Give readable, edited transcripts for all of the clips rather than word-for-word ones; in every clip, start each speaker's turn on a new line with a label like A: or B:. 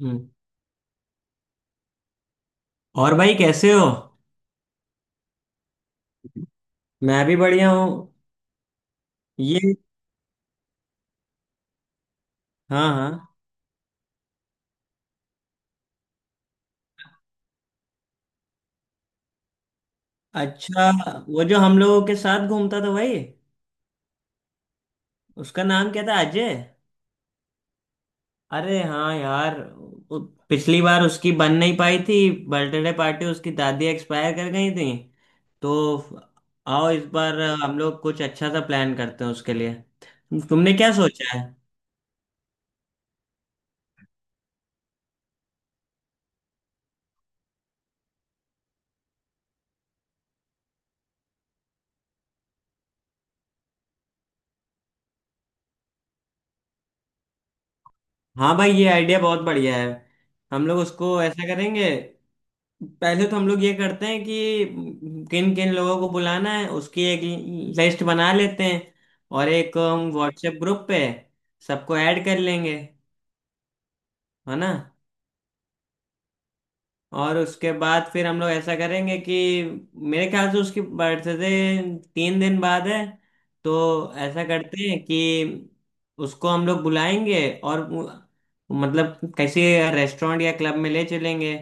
A: हम्म। और भाई कैसे हो। मैं भी बढ़िया हूँ। ये। हाँ, हाँ। अच्छा, वो जो हम लोगों के साथ घूमता था भाई, उसका नाम क्या था, अजय। अरे हाँ यार। उ- पिछली बार उसकी बन नहीं पाई थी बर्थडे पार्टी, उसकी दादी एक्सपायर कर गई थी तो। आओ, इस बार हम लोग कुछ अच्छा सा प्लान करते हैं उसके लिए। तुमने क्या सोचा है? हाँ भाई, ये आइडिया बहुत बढ़िया है। हम लोग उसको ऐसा करेंगे, पहले तो हम लोग ये करते हैं कि किन किन लोगों को बुलाना है उसकी एक लिस्ट बना लेते हैं। और एक हम व्हाट्सएप ग्रुप पे सबको ऐड कर लेंगे, है ना। और उसके बाद फिर हम लोग ऐसा करेंगे कि मेरे ख्याल से उसकी बर्थडे 3 दिन बाद है, तो ऐसा करते हैं कि उसको हम लोग बुलाएंगे और मतलब किसी रेस्टोरेंट या क्लब में ले चलेंगे।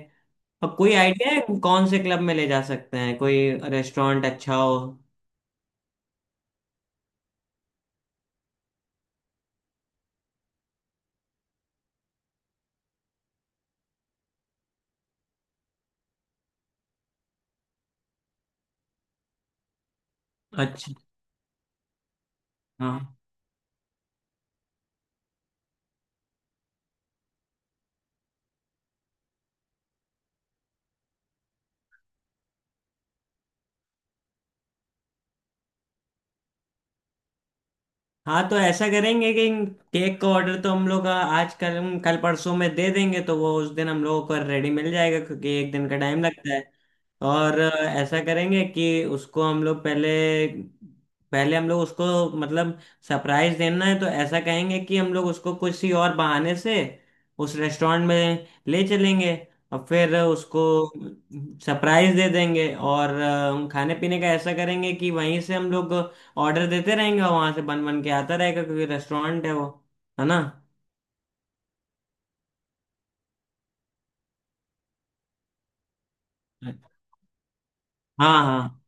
A: और कोई आइडिया है कौन से क्लब में ले जा सकते हैं, कोई रेस्टोरेंट अच्छा हो। अच्छा। हाँ, तो ऐसा करेंगे कि केक का ऑर्डर तो हम लोग आज कल कल परसों में दे देंगे तो वो उस दिन हम लोगों को रेडी मिल जाएगा, क्योंकि एक दिन का टाइम लगता है। और ऐसा करेंगे कि उसको हम लोग पहले, पहले हम लोग उसको मतलब सरप्राइज देना है, तो ऐसा कहेंगे कि हम लोग उसको किसी और बहाने से उस रेस्टोरेंट में ले चलेंगे और फिर उसको सरप्राइज दे देंगे। और खाने पीने का ऐसा करेंगे कि वहीं से हम लोग ऑर्डर देते रहेंगे, वहां से बन बन के आता रहेगा क्योंकि रेस्टोरेंट है वो, है ना। हाँ, हाँ,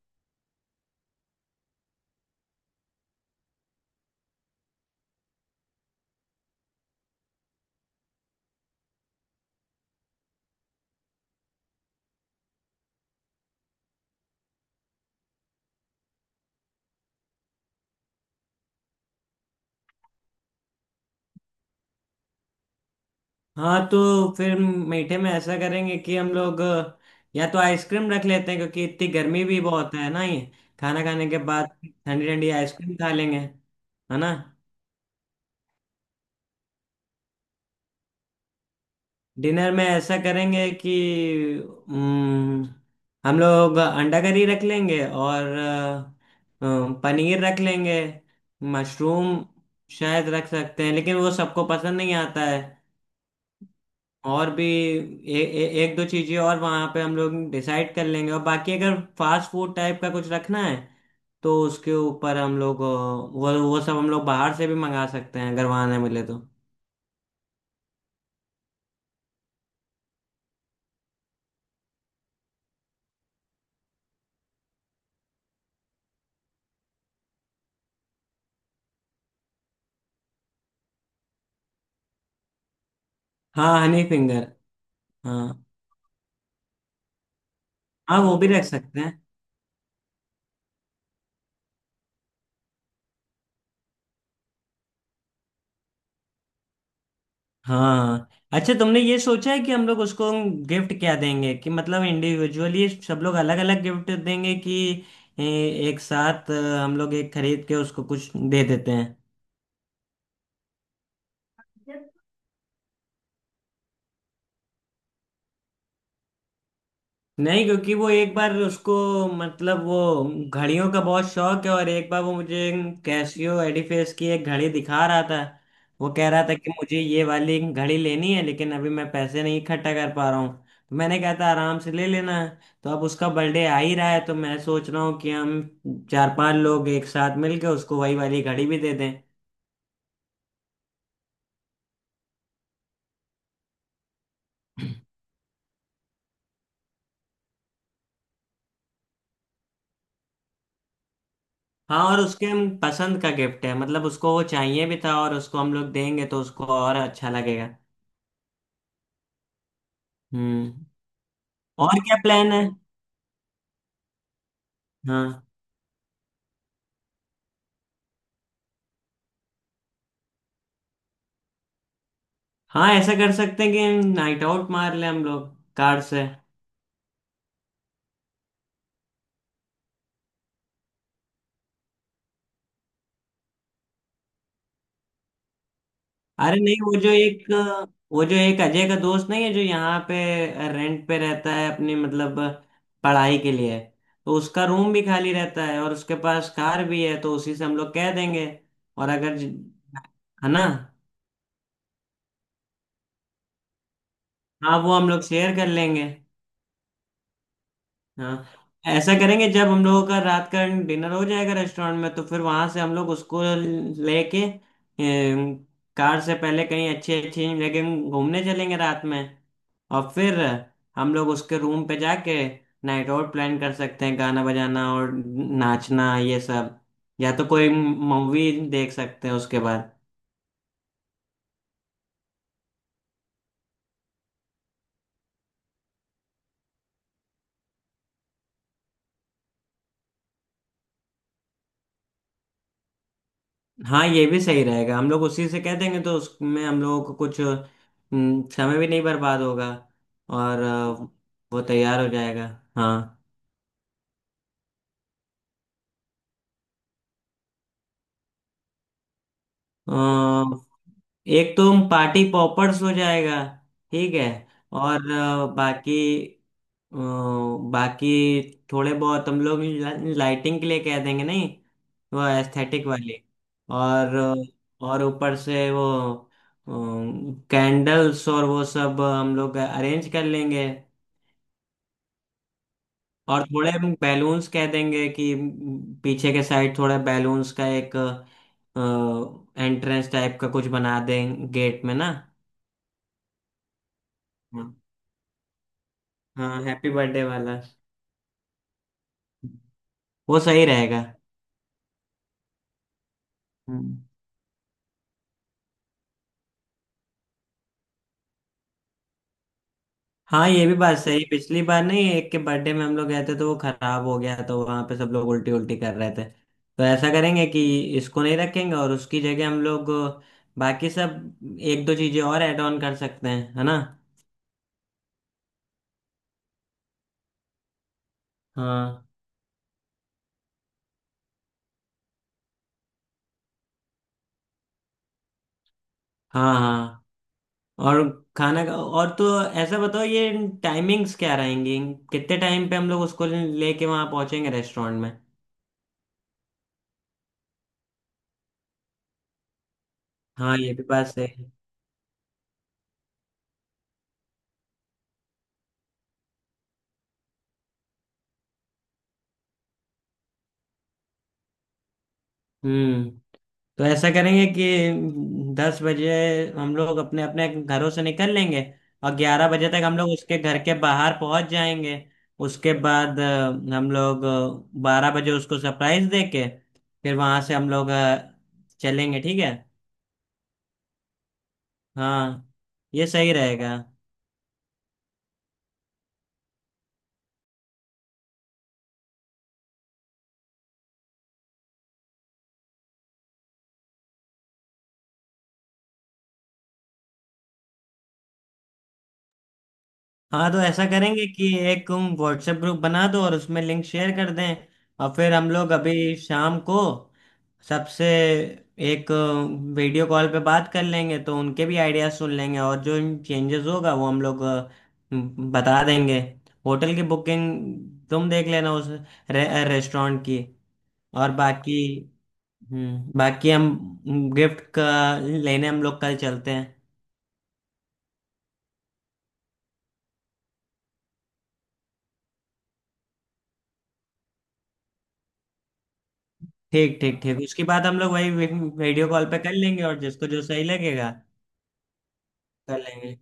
A: हाँ, तो फिर मीठे में ऐसा करेंगे कि हम लोग या तो आइसक्रीम रख लेते हैं क्योंकि इतनी गर्मी भी बहुत है ना, ये खाना खाने के बाद ठंडी ठंडी आइसक्रीम खा लेंगे, है ना। डिनर में ऐसा करेंगे कि हम्म, हम लोग अंडा करी रख लेंगे और पनीर रख लेंगे। मशरूम शायद रख सकते हैं, लेकिन वो सबको पसंद नहीं आता है। और भी ए, ए, 1 2 चीज़ें और वहाँ पे हम लोग डिसाइड कर लेंगे। और बाकी अगर फास्ट फूड टाइप का कुछ रखना है तो उसके ऊपर हम लोग, वो सब हम लोग बाहर से भी मंगा सकते हैं अगर वहाँ ना मिले तो। हाँ, हनी फिंगर। हाँ हाँ, वो भी रख सकते हैं। हाँ, अच्छा, तुमने ये सोचा है कि हम लोग उसको गिफ्ट क्या देंगे? कि मतलब इंडिविजुअली सब लोग अलग अलग गिफ्ट देंगे कि ए, एक साथ हम लोग एक खरीद के उसको कुछ दे देते हैं। नहीं, क्योंकि वो एक बार उसको मतलब वो घड़ियों का बहुत शौक है और एक बार वो मुझे कैसियो एडिफेस की एक घड़ी दिखा रहा था। वो कह रहा था कि मुझे ये वाली घड़ी लेनी है लेकिन अभी मैं पैसे नहीं इकट्ठा कर पा रहा हूँ। तो मैंने कहा था आराम से ले लेना। तो अब उसका बर्थडे आ ही रहा है तो मैं सोच रहा हूँ कि हम 4 5 लोग एक साथ मिलकर उसको वही वाली घड़ी भी दे दें। हाँ, और उसके हम पसंद का गिफ्ट है, मतलब उसको वो चाहिए भी था, और उसको हम लोग देंगे तो उसको और अच्छा लगेगा। हम्म। और क्या प्लान है? हाँ, हाँ ऐसा कर सकते हैं कि नाइट आउट मार ले हम लोग, कार से। अरे नहीं, वो जो एक, वो जो एक अजय का दोस्त नहीं है जो यहाँ पे रेंट पे रहता है अपनी मतलब पढ़ाई के लिए, तो उसका रूम भी खाली रहता है और उसके पास कार भी है, तो उसी से हम लोग कह देंगे। और अगर, है ना। हाँ वो हम लोग शेयर कर लेंगे। हाँ, ऐसा करेंगे जब हम लोगों का रात का डिनर हो जाएगा रेस्टोरेंट में तो फिर वहां से हम लोग उसको लेके कार से पहले कहीं अच्छी अच्छी जगह घूमने चलेंगे रात में। और फिर हम लोग उसके रूम पे जाके नाइट आउट प्लान कर सकते हैं, गाना बजाना और नाचना ये सब। या तो कोई मूवी देख सकते हैं उसके बाद। हाँ, ये भी सही रहेगा, हम लोग उसी से कह देंगे तो उसमें हम लोगों को कुछ समय भी नहीं बर्बाद होगा। और वो तैयार हो जाएगा। हाँ। अ, एक तो पार्टी पॉपर्स हो जाएगा। ठीक है। और बाकी, अ, बाकी थोड़े बहुत हम लोग लाइटिंग के लिए कह देंगे, नहीं, वो एस्थेटिक वाली। और और ऊपर से वो कैंडल्स और वो सब हम लोग अरेंज कर लेंगे। और थोड़े हम बैलून्स कह देंगे कि पीछे के साइड थोड़ा बैलून्स का एक एंट्रेंस टाइप का कुछ बना दें गेट में ना। हाँ, हाँ हैप्पी बर्थडे वाला, वो सही रहेगा। हम्म। हाँ ये भी बात सही, पिछली बार नहीं एक के बर्थडे में हम लोग गए थे तो वो खराब हो गया, तो वहां पे सब लोग उल्टी उल्टी कर रहे थे। तो ऐसा करेंगे कि इसको नहीं रखेंगे और उसकी जगह हम लोग बाकी सब 1 2 चीजें और ऐड ऑन कर सकते हैं, है ना। हाँ, हाँ, हाँ। और खाना का और तो, ऐसा बताओ ये टाइमिंग्स क्या रहेंगी? कितने टाइम पे हम लोग उसको लेके वहां पहुंचेंगे रेस्टोरेंट में? हाँ ये भी बात सही है। हम्म। तो ऐसा करेंगे कि 10 बजे हम लोग अपने अपने घरों से निकल लेंगे, और 11 बजे तक हम लोग उसके घर के बाहर पहुंच जाएंगे। उसके बाद हम लोग 12 बजे उसको सरप्राइज देके फिर वहां से हम लोग चलेंगे, ठीक है। हाँ ये सही रहेगा। हाँ, तो ऐसा करेंगे कि एक तुम व्हाट्सएप ग्रुप बना दो और उसमें लिंक शेयर कर दें। और फिर हम लोग अभी शाम को सबसे एक वीडियो कॉल पे बात कर लेंगे, तो उनके भी आइडियाज सुन लेंगे, और जो चेंजेस होगा वो हम लोग बता देंगे। होटल की बुकिंग तुम देख लेना, उस रेस्टोरेंट की। और बाकी, हम्म, बाकी हम गिफ्ट का लेने हम लोग कल चलते हैं। ठीक, ठीक, ठीक, उसके बाद हम लोग वही वीडियो कॉल पे कर लेंगे और जिसको जो सही लगेगा कर लेंगे।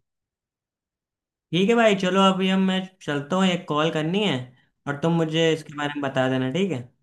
A: ठीक है भाई, चलो अभी हम, मैं चलता हूँ, एक कॉल करनी है। और तुम मुझे इसके बारे में बता देना, ठीक है।